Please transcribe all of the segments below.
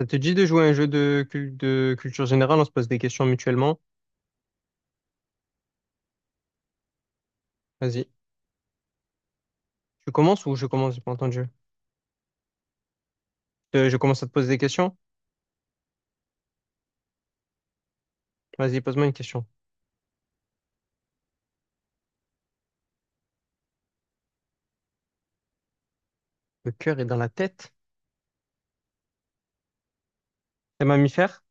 Ça te dit de jouer à un jeu de, de culture générale? On se pose des questions mutuellement. Vas-y. Tu commences ou je commence? J'ai pas entendu. Je commence à te poser des questions. Vas-y, pose-moi une question. Le cœur est dans la tête. C'est un mammifère?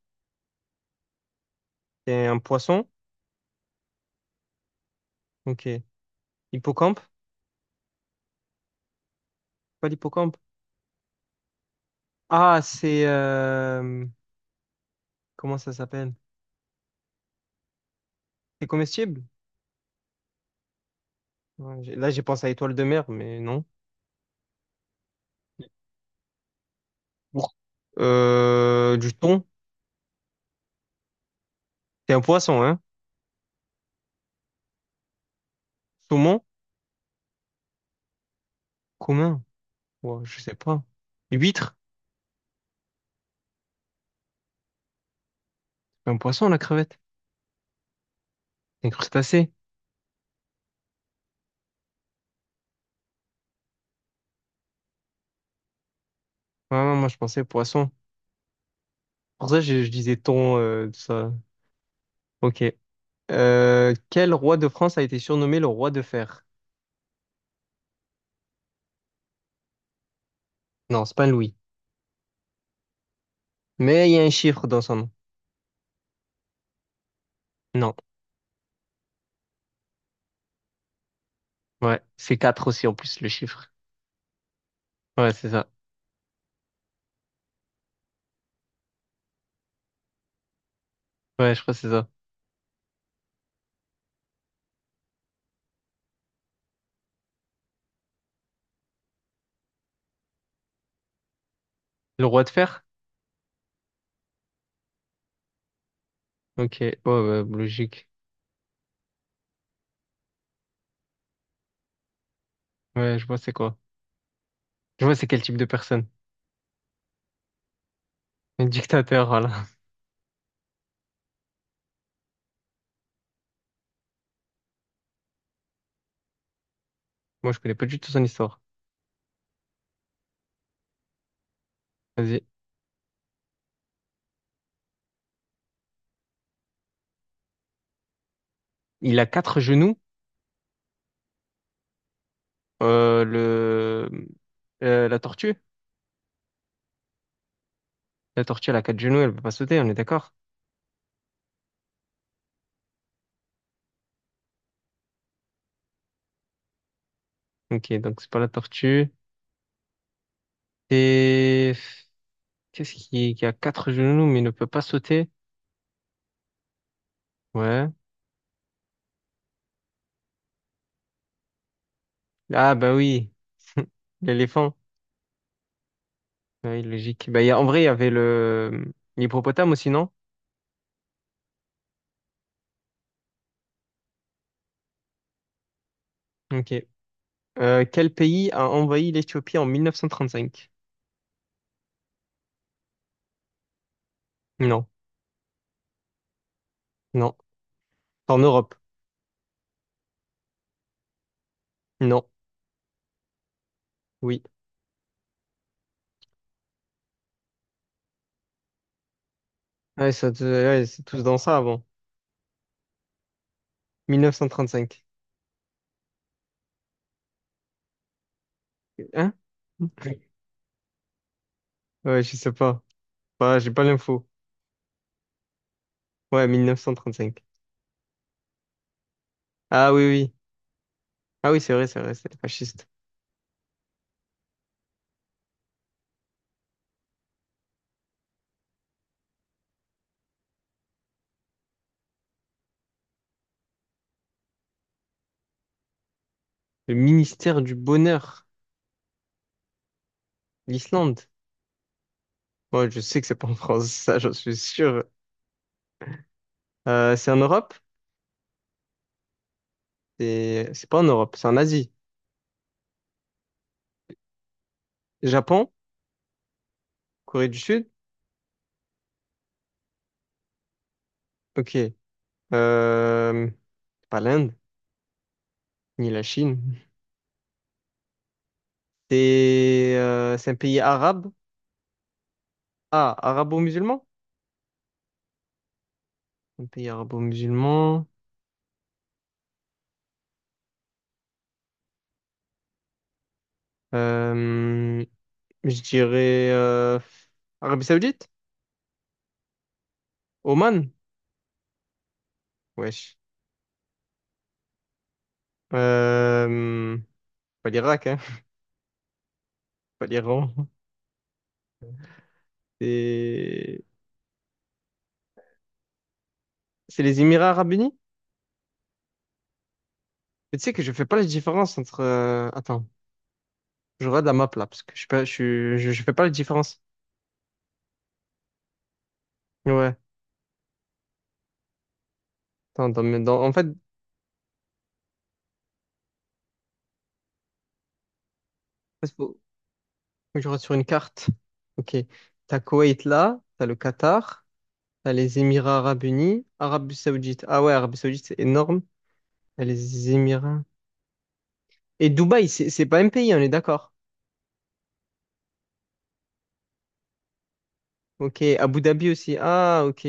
C'est un poisson? Ok. Hippocampe? Pas l'hippocampe. Ah, c'est... euh, Comment ça s'appelle? C'est comestible? Là, j'ai pensé à étoile de mer, mais non. Bon. Du thon? C'est un poisson, hein? Saumon? Commun? Ouais, je sais pas. Huître? C'est un poisson, la crevette. C'est un crustacé. Ah, moi, je pensais poisson. Pour ça, je disais thon, tout ça. Ok. Quel roi de France a été surnommé le roi de fer? Non, c'est pas Louis. Mais il y a un chiffre dans son nom. Non. Ouais, c'est 4 aussi en plus, le chiffre. Ouais, c'est ça. Ouais, je crois que c'est ça. Le roi de fer? Ok. Ouais, ouais, logique. Ouais, je vois c'est quoi. Je vois c'est quel type de personne. Un dictateur, voilà. Moi, je connais pas du tout son histoire. Vas-y. Il a quatre genoux. Euh, le... la tortue? La tortue, elle a quatre genoux, elle peut pas sauter, on est d'accord? Ok, donc c'est pas la tortue. Et qu'est-ce qui a quatre genoux mais ne peut pas sauter? Ouais. Ah bah oui, l'éléphant. Oui, logique. En vrai, il y avait le l'hippopotame aussi, non? Ok. Quel pays a envahi l'Éthiopie en 1935? Non, non. En Europe? Non. Oui. Ouais, ouais, c'est tous dans ça avant. 1935. Hein? Ouais, je sais pas. Bah, j'ai pas l'info. Ouais, 1935. Ah oui, oui. Ah oui, c'est vrai, c'est vrai, c'est fasciste. Le ministère du Bonheur, l'Islande. Ouais, je sais que c'est pas en France, ça, j'en suis sûr. C'est en Europe? C'est pas en Europe, c'est en Asie. Japon? Corée du Sud? Ok. Euh, Pas l'Inde, ni la Chine. C'est un pays arabe? Ah, arabo-musulman? Un pays arabo-musulman. Euh, je dirais Arabie Saoudite? Oman? Wesh. Euh, Pas l'Irak, hein. Pas l'Iran. C'est c'est les Émirats Arabes Unis? Mais tu sais que je fais pas la différence entre. Attends, je regarde la map là parce que je, suis pas, je, suis- je fais pas la différence. Ouais. Attends, en fait, parce que faut que je regarde sur une carte. Ok. T'as Koweït là, t'as le Qatar, t'as les Émirats Arabes Unis, Arabie Saoudite. Ah ouais, Arabie Saoudite, c'est énorme. T'as les Émirats. Et Dubaï, c'est pas un pays, on est d'accord. Ok. Abu Dhabi aussi. Ah, ok.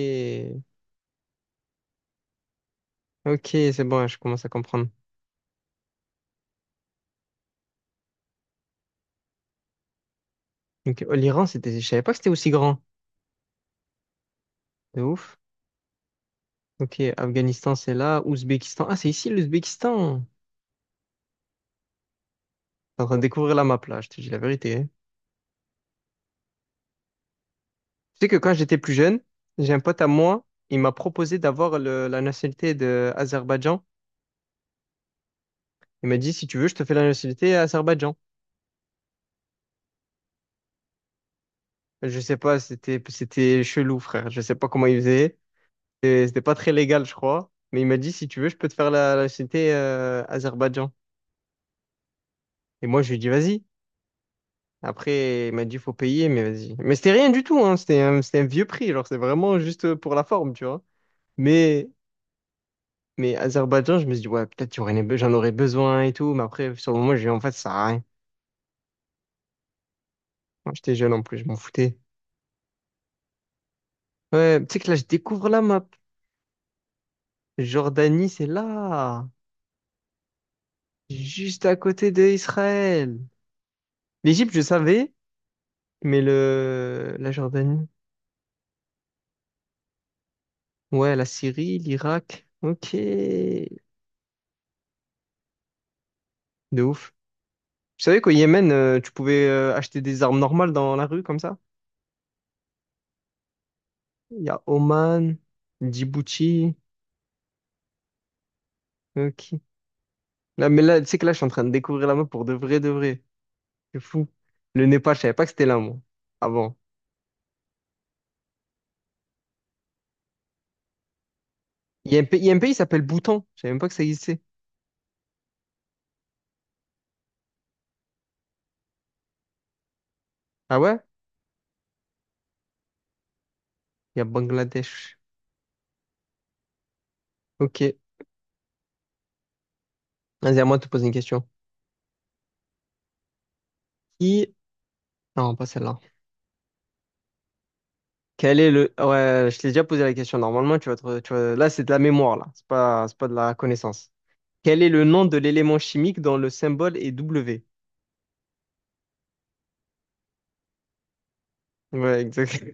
Ok, c'est bon, je commence à comprendre. Donc, l'Iran, c'était, je savais pas que c'était aussi grand. De ouf. Ok, Afghanistan, c'est là. Ouzbékistan. Ah, c'est ici l'Ouzbékistan. T'es en train de découvrir la map là, je te dis la vérité. Hein. Tu sais que quand j'étais plus jeune, j'ai un pote à moi, il m'a proposé d'avoir la nationalité de Azerbaïdjan. Il m'a dit, si tu veux, je te fais la nationalité Azerbaïdjan. Je sais pas, c'était chelou, frère. Je sais pas comment il faisait. C'était pas très légal, je crois. Mais il m'a dit, si tu veux, je peux te faire la nationalité Azerbaïdjan. Et moi, je lui ai dit, vas-y. Après, il m'a dit faut payer, mais vas-y. Mais c'était rien du tout, hein. C'était c'était un vieux prix, genre c'est vraiment juste pour la forme, tu vois. Mais, mais Azerbaïdjan, je me suis dit, ouais, peut-être j'en aurais besoin et tout, mais après, sur le moment, j'ai dit, en fait, ça sert à rien. Moi, j'étais jeune en plus, je m'en foutais. Ouais, tu sais que là, je découvre la map. Jordanie, c'est là, juste à côté d'Israël. L'Égypte, je savais, mais la Jordanie. Ouais, la Syrie, l'Irak. Ok. De ouf. Tu savais qu'au Yémen, tu pouvais acheter des armes normales dans la rue comme ça? Il y a Oman, Djibouti, euh, qui- Là, tu sais que là, je suis en train de découvrir la map pour de vrai, de vrai. C'est fou. Le Népal, je savais pas que c'était là, moi. Avant. Il y a un pays, il y a un pays qui s'appelle Bhoutan. Je savais même pas que ça existait. Ah ouais? Il y a Bangladesh. Ok. Vas-y, à moi de te poser une question. Qui... Non, pas celle-là. Ouais, je t'ai déjà posé la question. Normalement, tu vas te... tu vas- Là, c'est de la mémoire, là. C'est pas de la connaissance. Quel est le nom de l'élément chimique dont le symbole est W? Ouais, exact.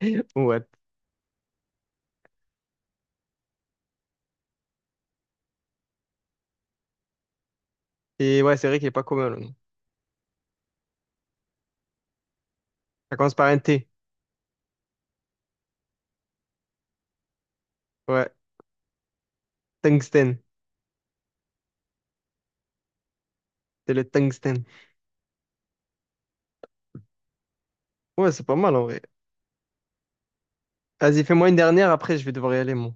What? Et ouais, c'est vrai qu'il est pas commun, le nom. Ça commence par un T. Ouais, tungstène. C'est le tungstène. Ouais, c'est pas mal en vrai. Vas-y, fais-moi une dernière, après je vais devoir y aller, moi.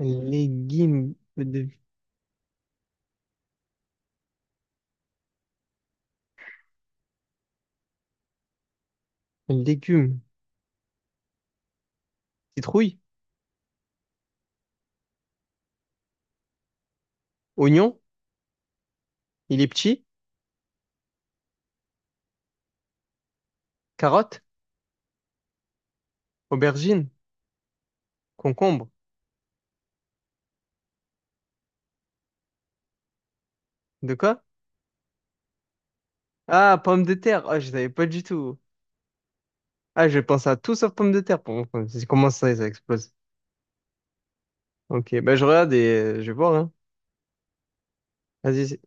Un Légume. de- Un légume. Citrouille. Oignon. Il est petit. Carotte. Aubergine. Concombre. De quoi? Ah, pomme de terre. Ah, je savais pas du tout. Ah, je pense à tout sauf pomme de terre. Pour moi, c'est comment ça, ça explose. Ok, ben je regarde et je vais voir, hein. vas-y